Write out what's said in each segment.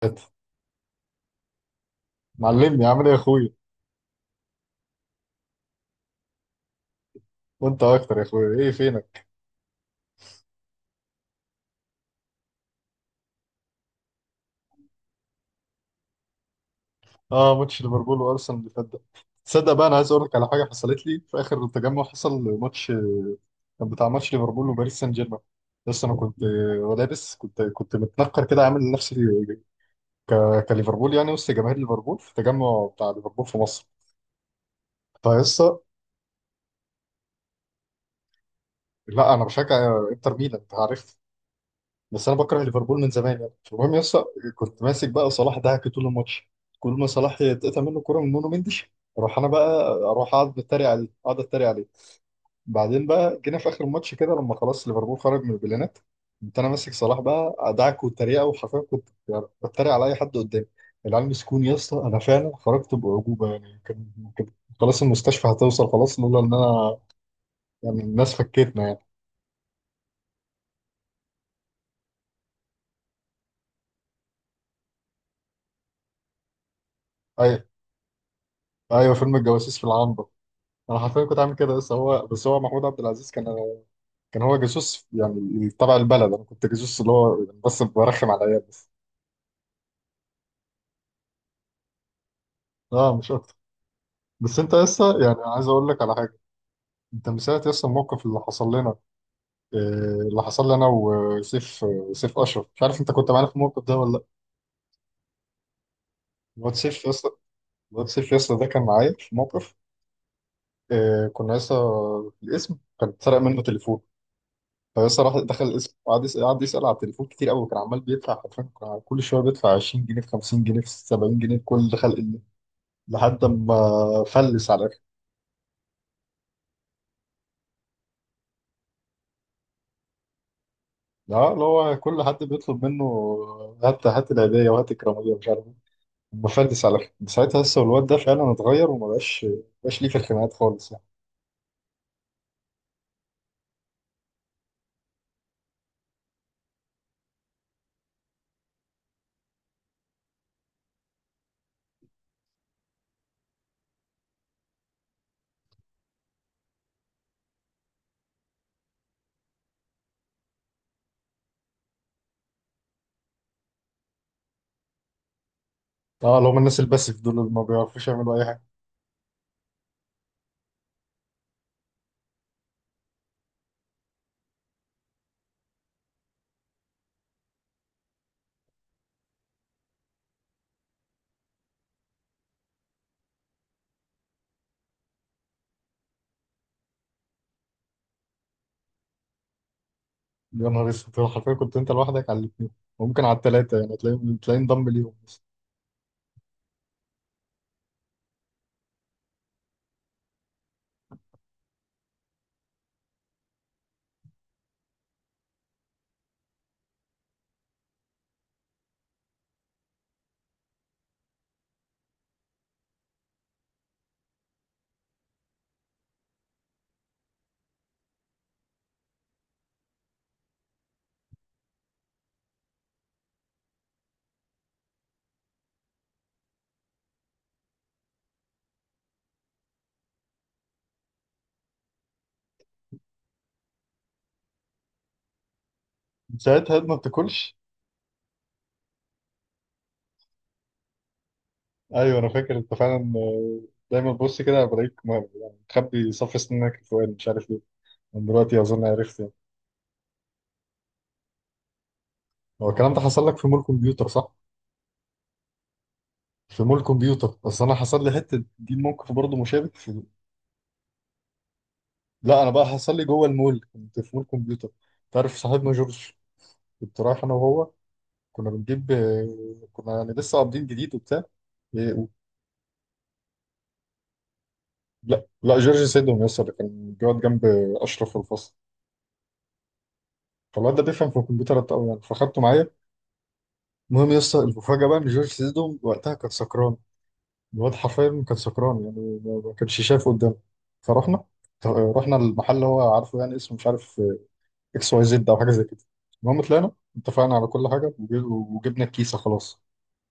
فات. معلمني عامل ايه يا اخويا؟ وانت اكتر يا اخويا، ايه فينك؟ اه، ماتش ليفربول وارسنال اللي فات ده. تصدق بقى، انا عايز اقول لك على حاجه حصلت لي في اخر التجمع. حصل ماتش كان بتاع ماتش ليفربول وباريس سان جيرمان. بس انا كنت آه، لابس كنت متنكر كده عامل نفسي ك... كليفربول يعني، وسط جماهير ليفربول في التجمع بتاع ليفربول في مصر. فيسا لا، انا بشجع انتر ميلان انت عارف. بس انا بكره ليفربول من زمان يعني. المهم يا اسطى، كنت ماسك بقى صلاح دعك طول الماتش. كل ما صلاح يتقطع منه كوره من نونو مندش، اروح انا بقى اروح اقعد اتريق عليه اقعد اتريق عليه. بعدين بقى جينا في اخر الماتش كده لما خلاص ليفربول خرج من البلانات، كنت انا ماسك صلاح بقى ادعك والتريقه، وحرفيا كنت يعني بتريق على اي حد قدامي. العيال مسكوني يا اسطى، انا فعلا خرجت باعجوبه يعني. كان خلاص المستشفى هتوصل خلاص لولا ان انا، يعني الناس فكتنا يعني. ايوه، ايوه، فيلم الجواسيس في العنبر. انا حرفيا كنت عامل كده، بس هو محمود عبد العزيز كان هو جاسوس يعني تبع البلد، انا كنت جاسوس اللي هو يعني بس برخم على العيال بس. اه، مش اكتر. بس انت لسه يعني عايز اقول لك على حاجه. انت من ساعه لسه الموقف اللي حصل لنا، آه، اللي حصل لنا وسيف، سيف اشرف مش عارف انت كنت معانا في الموقف ده ولا لا. الواد سيف يسطا، الواد سيف يسطا ده كان معايا في موقف كنا لسه. الاسم كان اتسرق منه تليفون، فبس راح دخل اسمه قعد يسأل قعد يسأل على التليفون كتير قوي. وكان عمال بيدفع حرفيا، كان كل شويه بيدفع 20 جنيه في 50 جنيه في 70 جنيه في كل خلق الله لحد ما فلس على الاخر. لا، اللي هو كل حد بيطلب منه هات هات العيدية وهات الكرامية مش عارف ايه. مفلس على الاخر. من ساعتها لسه الواد ده فعلا اتغير، وما بقاش ليه في الخناقات خالص يعني. اه، اللي هم الناس الباسف دول اللي ما بيعرفوش يعملوا اي حاجه. يا نهار اسود، هو حرفيا كنت انت لوحدك على الاثنين، وممكن على الثلاثه يعني. تلاقيه انضم ليهم بس. ساعتها الواد ما بتاكلش. ايوه انا فاكر انت فعلا، دايما بص كده بلاقيك يعني مخبي صف سنانك الفوقاني مش عارف ليه. من دلوقتي اظن عرفت يعني. هو الكلام ده حصل لك في مول كمبيوتر صح؟ في مول كمبيوتر، اصل انا حصل لي حته دي موقف برضه مشابه في... لا، انا بقى حصل لي جوه المول، كنت في مول كمبيوتر. تعرف صاحبنا جورج؟ كنت رايح انا وهو، كنا بنجيب كنا يعني لسه قابضين جديد وبتاع. إيه، و- لا لا، جورج سيدهم يسر كان بيقعد جنب اشرف في الفصل. فالواد ده بيفهم في الكمبيوتر قوي يعني، فاخدته معايا. المهم يا اسطى، المفاجأة بقى إن جورج سيدو وقتها كان سكران. الواد حرفيا كان سكران يعني ما كانش شايف قدامه. فرحنا، رحنا المحل اللي هو عارفه يعني، اسمه مش عارف، اكس واي زد أو حاجة زي كده. المهم طلعنا، اتفقنا على كل حاجة، وجبنا الكيسة خلاص.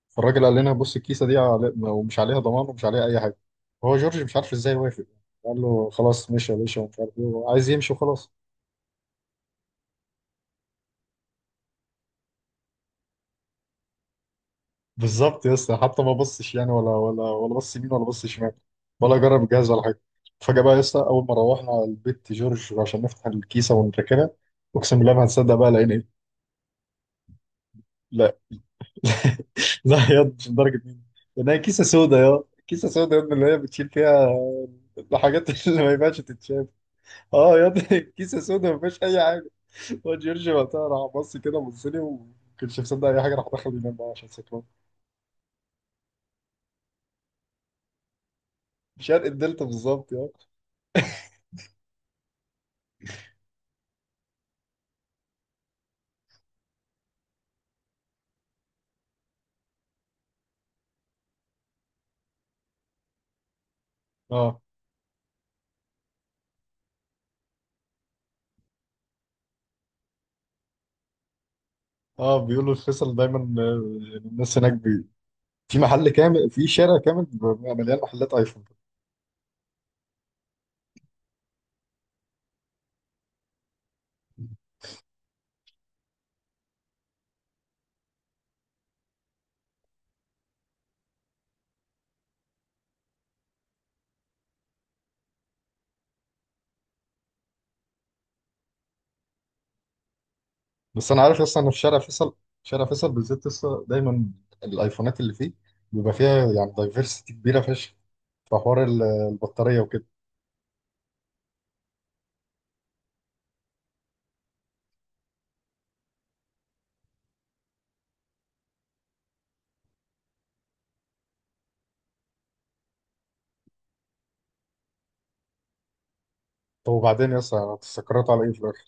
فالراجل قال لنا بص الكيسة دي على... ومش عليها ضمان ومش عليها أي حاجة. هو جورج مش عارف إزاي وافق، قال له خلاص ماشي يا باشا ومش عارف إيه وعايز يمشي وخلاص. بالظبط يا اسطى، حتى ما بصش يعني ولا بص يمين ولا بص شمال ولا جرب الجهاز ولا حاجه. فجاه بقى يا اسطى، اول ما روحنا على البيت جورج عشان نفتح الكيسه ونركنها، اقسم بالله ما هتصدق بقى لقينا ايه. لا، لا يا اسطى، مش لدرجه مين. لقيناها كيسه سودا، يا كيسه سودا يا ابني اللي هي بتشيل فيها الحاجات اللي ما ينفعش تتشاف. اه يا ابني، كيسه سودا ما فيهاش اي حاجه. هو جورج وقتها راح بص كده بص لي، وما كانش مصدق اي حاجه، راح دخل ينام بقى عشان سكران. شرق الدلتا بالظبط يا. اه، اه، بيقولوا الفيصل دايما، الناس هناك بي... في محل كامل، في شارع كامل بيبقى مليان محلات ايفون. بس انا عارف اصلا ان في شارع فيصل، شارع فيصل بالذات لسه دايما الايفونات اللي فيه بيبقى فيها يعني دايفرستي كبيره فشخ، في حوار البطاريه وكده. طب وبعدين يا اسطى، يعني هتستقروا على ايه في الاخر؟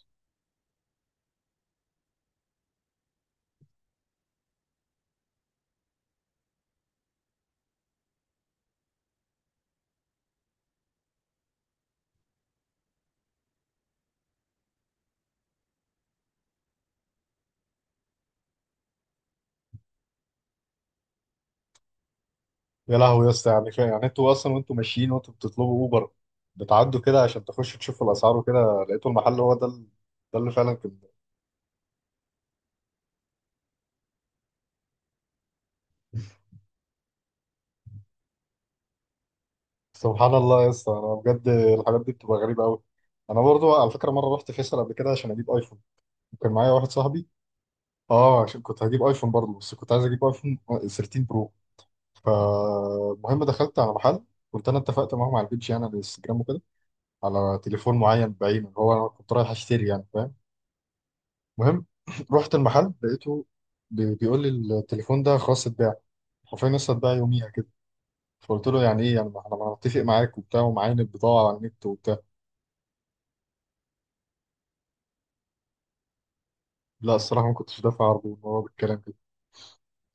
يا لهوي يا اسطى، يعني يعني انتوا اصلا وانتوا ماشيين وانتوا بتطلبوا اوبر، بتعدوا كده عشان تخشوا تشوفوا الاسعار وكده لقيتوا المحل هو ده ده اللي فعلا كان. سبحان الله يا اسطى، انا بجد الحاجات دي بتبقى غريبه قوي. انا برضو على فكره مره رحت فيصل قبل كده عشان اجيب ايفون، وكان معايا واحد صاحبي. اه، عشان كنت هجيب ايفون برضو، بس كنت عايز اجيب ايفون 13 برو. فالمهم دخلت على محل، كنت انا اتفقت معاهم على البيج يعني على الانستجرام وكده، على تليفون معين بعينه اللي هو انا كنت رايح اشتري يعني فاهم. المهم رحت المحل لقيته بيقول لي التليفون ده خلاص اتباع، حرفيا لسه اتباع يوميها كده. فقلت له يعني ايه يعني، ما أنا متفق معاك وبتاع ومعاين البضاعه على النت وبتاع. لا الصراحة ما كنتش دافع عرضه إن هو بالكلام كده.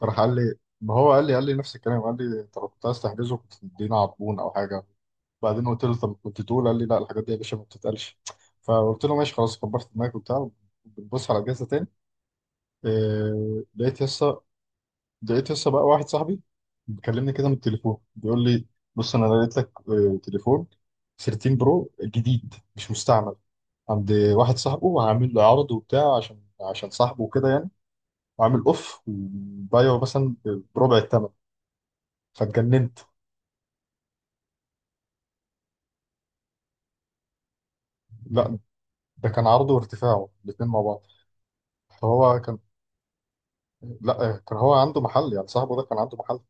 راح قال لي، ما هو قال لي نفس الكلام، قال لي أنت لو كنت عايز تحجزه كنت تدينا عربون أو حاجة. بعدين قلت له طب كنت تقول، قال لي لا الحاجات دي يا باشا ما بتتقالش. فقلت له ماشي خلاص كبرت دماغك وبتاع. بنبص على الجهاز ده تاني، إيه؟ لقيت يسا بقى واحد صاحبي بيكلمني كده من التليفون، بيقول لي بص أنا لقيت لك تليفون 13 برو جديد مش مستعمل عند واحد صاحبه، وعامل له عرض وبتاع عشان صاحبه وكده يعني. عامل اوف وبايعه مثلا بربع الثمن، فاتجننت. لا ده كان عرضه وارتفاعه الاثنين مع بعض. فهو كان، لا كان هو عنده محل يعني صاحبه ده كان عنده محل.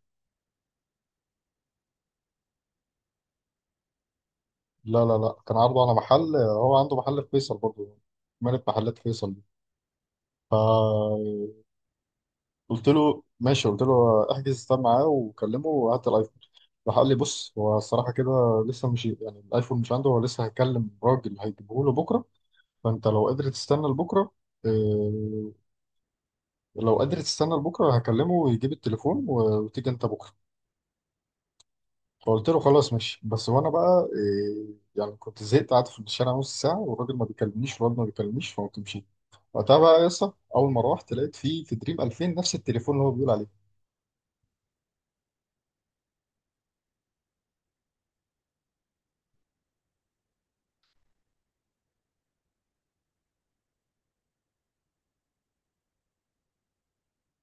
لا، لا، لا، كان عرضه على محل، هو عنده محل في فيصل برضه، مالك محلات فيصل دي. فقلت له ماشي، قلت له احجز ده معاه وكلمه وهات الايفون. راح قال لي بص هو الصراحة كده لسه مش يعني الآيفون مش عنده، هو لسه هيكلم راجل هيجيبه له بكرة، فأنت لو قدرت تستنى لبكرة، آه، لو قادر تستنى لبكره هكلمه ويجيب التليفون، وتيجي انت بكره. فقلت له خلاص ماشي، بس وانا بقى إيه يعني، كنت زهقت قعدت في الشارع نص ساعه والراجل ما بيكلمنيش والواد ما بيكلمنيش، فقمت مشيت. وقتها بقى يا اسطى، اول ما روحت لقيت فيه في دريم 2000 نفس التليفون اللي هو بيقول عليه.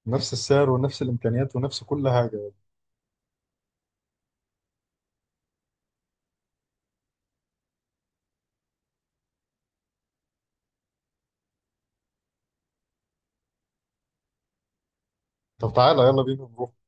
نفس السعر ونفس الامكانيات ونفس كل حاجه. طب تعالى يلا بينا نروح.